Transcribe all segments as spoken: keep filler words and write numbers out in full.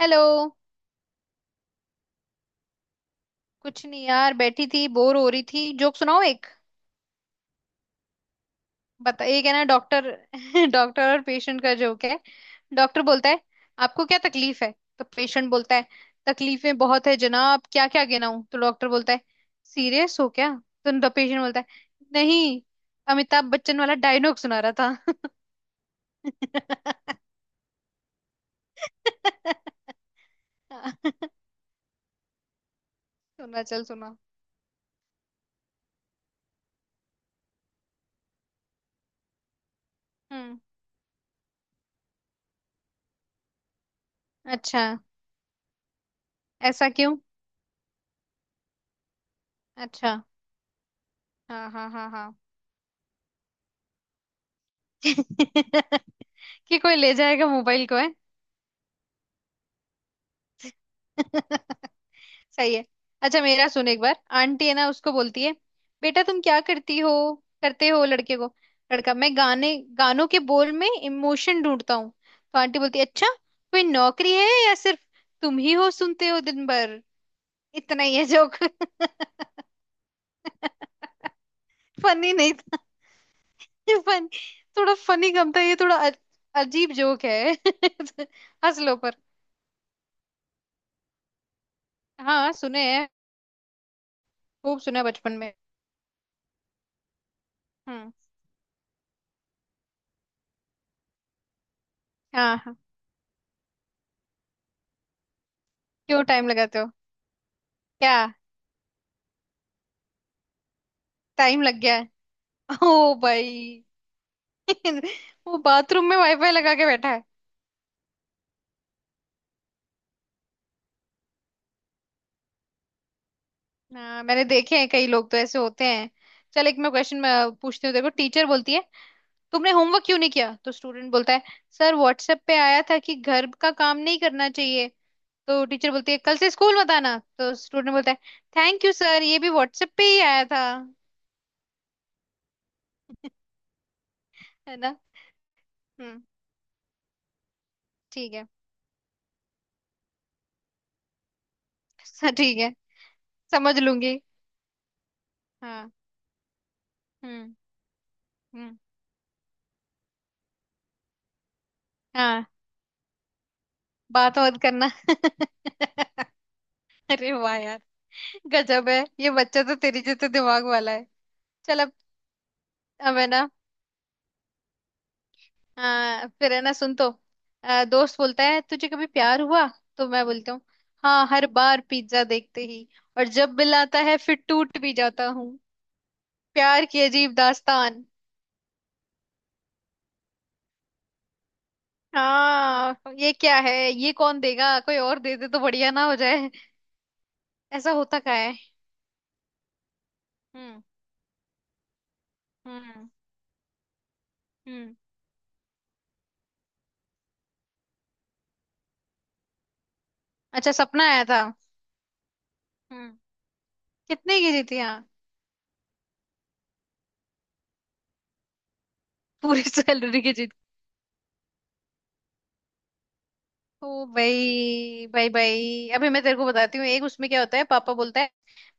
Hello. कुछ नहीं यार, बैठी थी, बोर हो रही थी। जोक सुनाओ एक। बता, एक है ना डॉक्टर डॉक्टर और पेशेंट का जोक है। डॉक्टर बोलता है आपको क्या तकलीफ है। तो पेशेंट बोलता है तकलीफें बहुत है जनाब, क्या क्या गिनाऊं। तो डॉक्टर बोलता है सीरियस हो क्या। तो पेशेंट बोलता है नहीं, अमिताभ बच्चन वाला डायलॉग सुना रहा था। सुना चल सुना। हम्म। अच्छा। ऐसा क्यों। अच्छा। हाँ हाँ हाँ हाँ। कि कोई ले जाएगा मोबाइल को है। सही है। अच्छा मेरा सुन, एक बार आंटी है ना उसको बोलती है, बेटा तुम क्या करती हो करते हो लड़के को। लड़का, मैं गाने गानों के बोल में इमोशन ढूंढता हूँ। तो आंटी बोलती है अच्छा, कोई नौकरी है या सिर्फ तुम ही हो सुनते हो दिन भर। इतना ही है जोक। फनी नहीं था। फन, थोड़ा फनी कम था ये, थोड़ा अ- अजीब जोक है। हंस लो पर। हाँ सुने हैं। खूब सुना बचपन में। हम्म। हाँ हाँ। क्यों टाइम लगाते हो। क्या टाइम लग गया है। ओ भाई वो बाथरूम में वाईफाई लगा के बैठा है। हाँ मैंने देखे हैं, कई लोग तो ऐसे होते हैं। चल, एक मैं क्वेश्चन मैं पूछती हूँ। देखो, टीचर बोलती है तुमने होमवर्क क्यों नहीं किया। तो स्टूडेंट बोलता है सर व्हाट्सएप पे आया था कि घर का काम नहीं करना चाहिए। तो टीचर बोलती है कल से स्कूल मत आना। तो स्टूडेंट बोलता है थैंक यू सर, ये भी व्हाट्सएप पे ही आया था। है ना। हम्म। ठीक है। ठीक है। समझ लूंगी। हाँ। हम्म। हम्म। हाँ। बात मत करना अरे वाह यार, गजब है, ये बच्चा तो तेरी जैसे दिमाग वाला है। चल अब। अब है ना, आ, फिर है ना सुन तो, आ, दोस्त बोलता है तुझे कभी प्यार हुआ। तो मैं बोलता हूँ हाँ, हर बार पिज्जा देखते ही। और जब बिल आता है, फिर टूट भी जाता हूँ। प्यार की अजीब दास्तान। हाँ ये क्या है, ये कौन देगा, कोई और दे दे तो बढ़िया ना हो जाए। ऐसा होता का है। हम्म। हम्म। हम्म। अच्छा सपना आया था। हम्म। कितने की जीतियां। पूरी सैलरी की जीत। ओ भाई भाई भाई, अभी मैं तेरे को बताती हूँ एक। उसमें क्या होता है, पापा बोलता है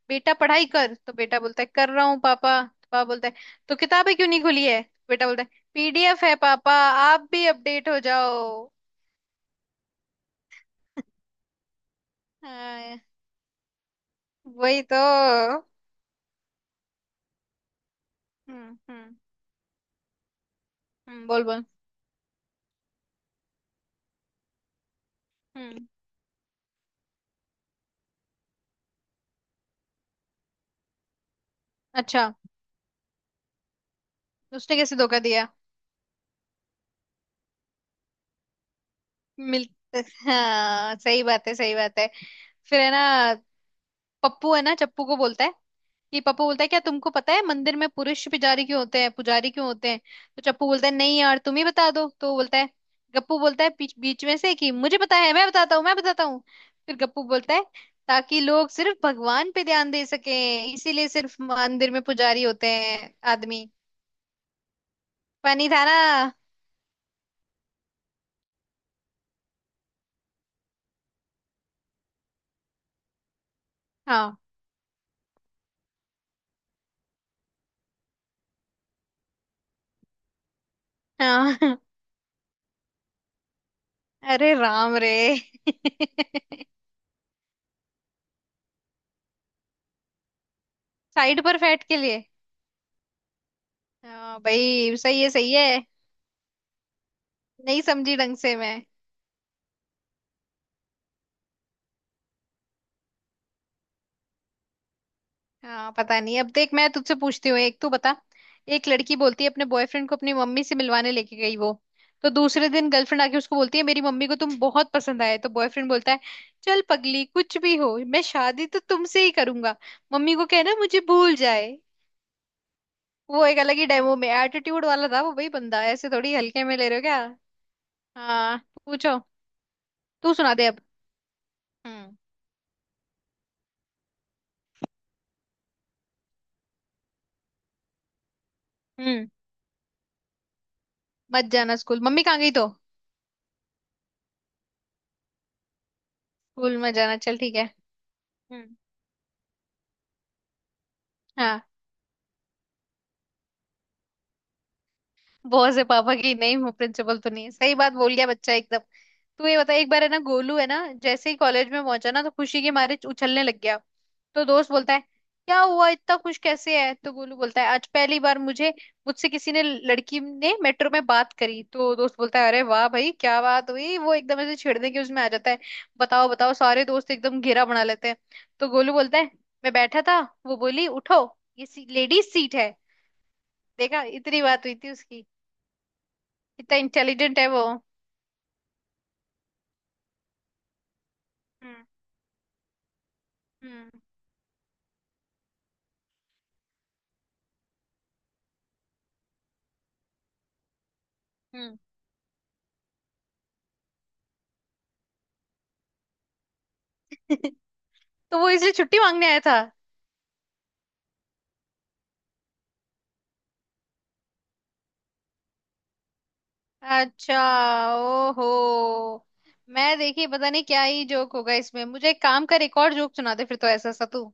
बेटा पढ़ाई कर। तो बेटा बोलता है कर रहा हूँ पापा। तो पापा बोलता है तो किताबें क्यों नहीं खुली है। बेटा बोलता है पी डी एफ है पापा, आप भी अपडेट हो जाओ। हाँ। वही तो। हम्म। हम्म। हम्म, बोल बोल। हम्म। अच्छा। उसने कैसे धोखा दिया। मिल हाँ सही बात है, सही बात है। फिर है ना, पप्पू है ना चप्पू को बोलता है, कि पप्पू बोलता है क्या तुमको पता है मंदिर में पुरुष पुजारी क्यों होते हैं, पुजारी क्यों होते हैं। तो चप्पू बोलता है नहीं यार, तुम ही बता दो। तो बोलता है, गप्पू बोलता है बीच बीच में से, कि मुझे पता है, मैं बताता हूँ मैं बताता हूँ। फिर गप्पू बोलता है ताकि लोग सिर्फ भगवान पे ध्यान दे सके, इसीलिए सिर्फ मंदिर में पुजारी होते हैं आदमी। पानी था ना। हाँ हाँ। अरे राम रे साइड पर फैट के लिए। हाँ भाई सही है, सही है। नहीं समझी ढंग से मैं। हाँ पता नहीं। अब देख, मैं तुझसे पूछती हूँ एक, तू बता। एक लड़की बोलती है, अपने बॉयफ्रेंड को अपनी मम्मी से मिलवाने लेके गई वो। तो दूसरे दिन गर्लफ्रेंड आके उसको बोलती है मेरी मम्मी को तुम बहुत पसंद आए। तो बॉयफ्रेंड बोलता है चल पगली, कुछ भी हो मैं शादी तो तुमसे ही करूंगा, मम्मी को कहना मुझे भूल जाए। वो एक अलग ही डेमो में एटीट्यूड वाला था वो भाई, बंदा ऐसे थोड़ी हल्के में ले रहे हो क्या। हाँ। पूछो। तू सुना दे अब। हम्म। हम्म। मत जाना स्कूल, मम्मी कहाँ गई तो, स्कूल में जाना चल ठीक है। हम्म। हाँ। बॉस है पापा की, नहीं हूँ प्रिंसिपल तो नहीं, सही बात बोल गया बच्चा एकदम। तू ये बता, एक बार है ना गोलू है ना, जैसे ही कॉलेज में पहुंचा ना तो खुशी के मारे उछलने लग गया। तो दोस्त बोलता है क्या हुआ, इतना खुश कैसे है। तो गोलू बोलता है आज पहली बार मुझे मुझसे किसी ने, लड़की ने मेट्रो में बात करी। तो दोस्त बोलता है अरे वाह भाई, क्या बात हुई। वो एकदम ऐसे छेड़ने के उसमें आ जाता है, बताओ बताओ, सारे दोस्त एकदम घेरा बना लेते हैं। तो गोलू बोलता है मैं बैठा था, वो बोली उठो, ये लेडीज सीट है। देखा, इतनी बात हुई थी उसकी, इतना इंटेलिजेंट है वो। हम्म। हम्म। हम्म। तो वो इसलिए छुट्टी मांगने आया था। अच्छा। ओहो। मैं देखी पता नहीं क्या ही जोक होगा इसमें मुझे। एक काम कर, एक और जोक सुना दे फिर, तो ऐसा सा तू।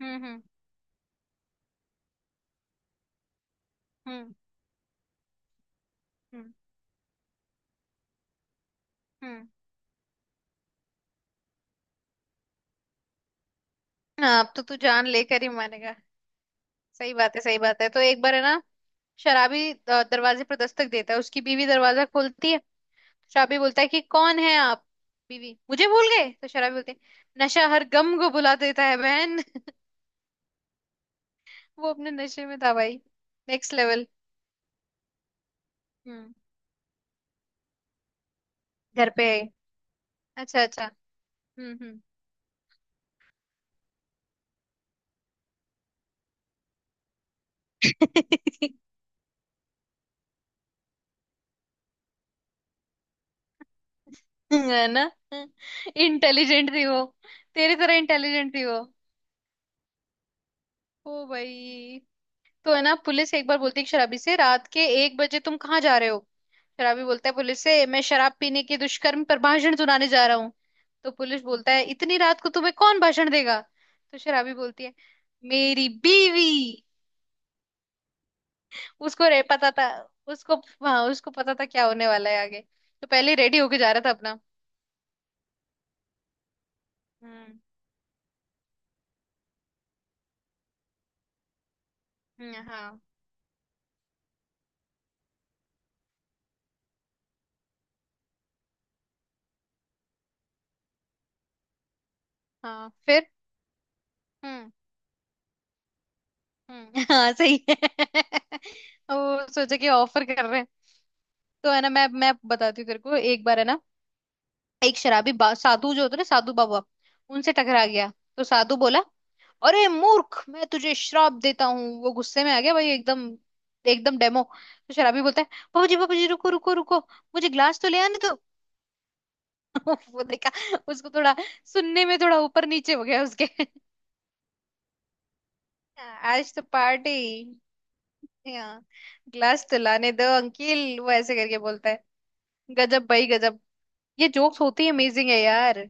हम्म। हम्म। हम्म। हम्म। हम्म। हाँ अब तो तू जान लेकर ही मानेगा। सही बात है, सही बात है। तो एक बार है ना शराबी अ, दरवाजे पर दस्तक देता है, उसकी बीवी दरवाजा खोलती है। शराबी बोलता है कि कौन है आप। बीवी, मुझे भूल गए। तो शराबी बोलते हैं, नशा हर गम को भुला देता है बहन। वो अपने नशे में था भाई। Next level. हम्म। घर पे है। अच्छा अच्छा। हम्म। हम्म। है ना। इंटेलिजेंट थी वो। तेरी तरह इंटेलिजेंट थी वो। ओ भाई। तो है ना पुलिस एक बार बोलती है कि शराबी से, रात के एक बजे तुम कहाँ जा रहे हो। शराबी बोलता है पुलिस से, मैं शराब पीने के दुष्कर्म पर भाषण सुनाने जा रहा हूँ। तो पुलिस बोलता है इतनी रात को तुम्हें कौन भाषण देगा। तो शराबी बोलती है मेरी बीवी। उसको रे पता था उसको, हाँ उसको पता था क्या होने वाला है आगे, तो पहले ही रेडी होके जा रहा था अपना। हम्म। हम्म, हाँ। हाँ फिर। हम्म। हम्म। हाँ सही है। वो सोचा कि ऑफर कर रहे हैं। तो है ना मैं मैं बताती हूँ तेरे को, एक बार है ना एक शराबी बा, साधु जो होते हैं ना साधु बाबा, उनसे टकरा गया। तो साधु बोला अरे मूर्ख, मैं तुझे श्राप देता हूँ। वो गुस्से में आ गया भाई एकदम, एकदम डेमो। तो शराबी बोलता है बाबूजी बाबूजी, रुको रुको रुको, मुझे ग्लास तो ले आने दो। वो देखा उसको, थोड़ा सुनने में थोड़ा ऊपर नीचे हो गया उसके। आज तो पार्टी, ग्लास तो लाने दो अंकिल, वो ऐसे करके बोलता है। गजब भाई गजब। ये जोक्स होती है, अमेजिंग है यार।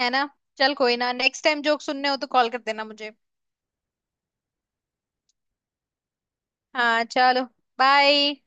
है ना। चल कोई ना, नेक्स्ट टाइम जोक सुनने हो तो कॉल कर देना मुझे। हाँ चलो। बाय।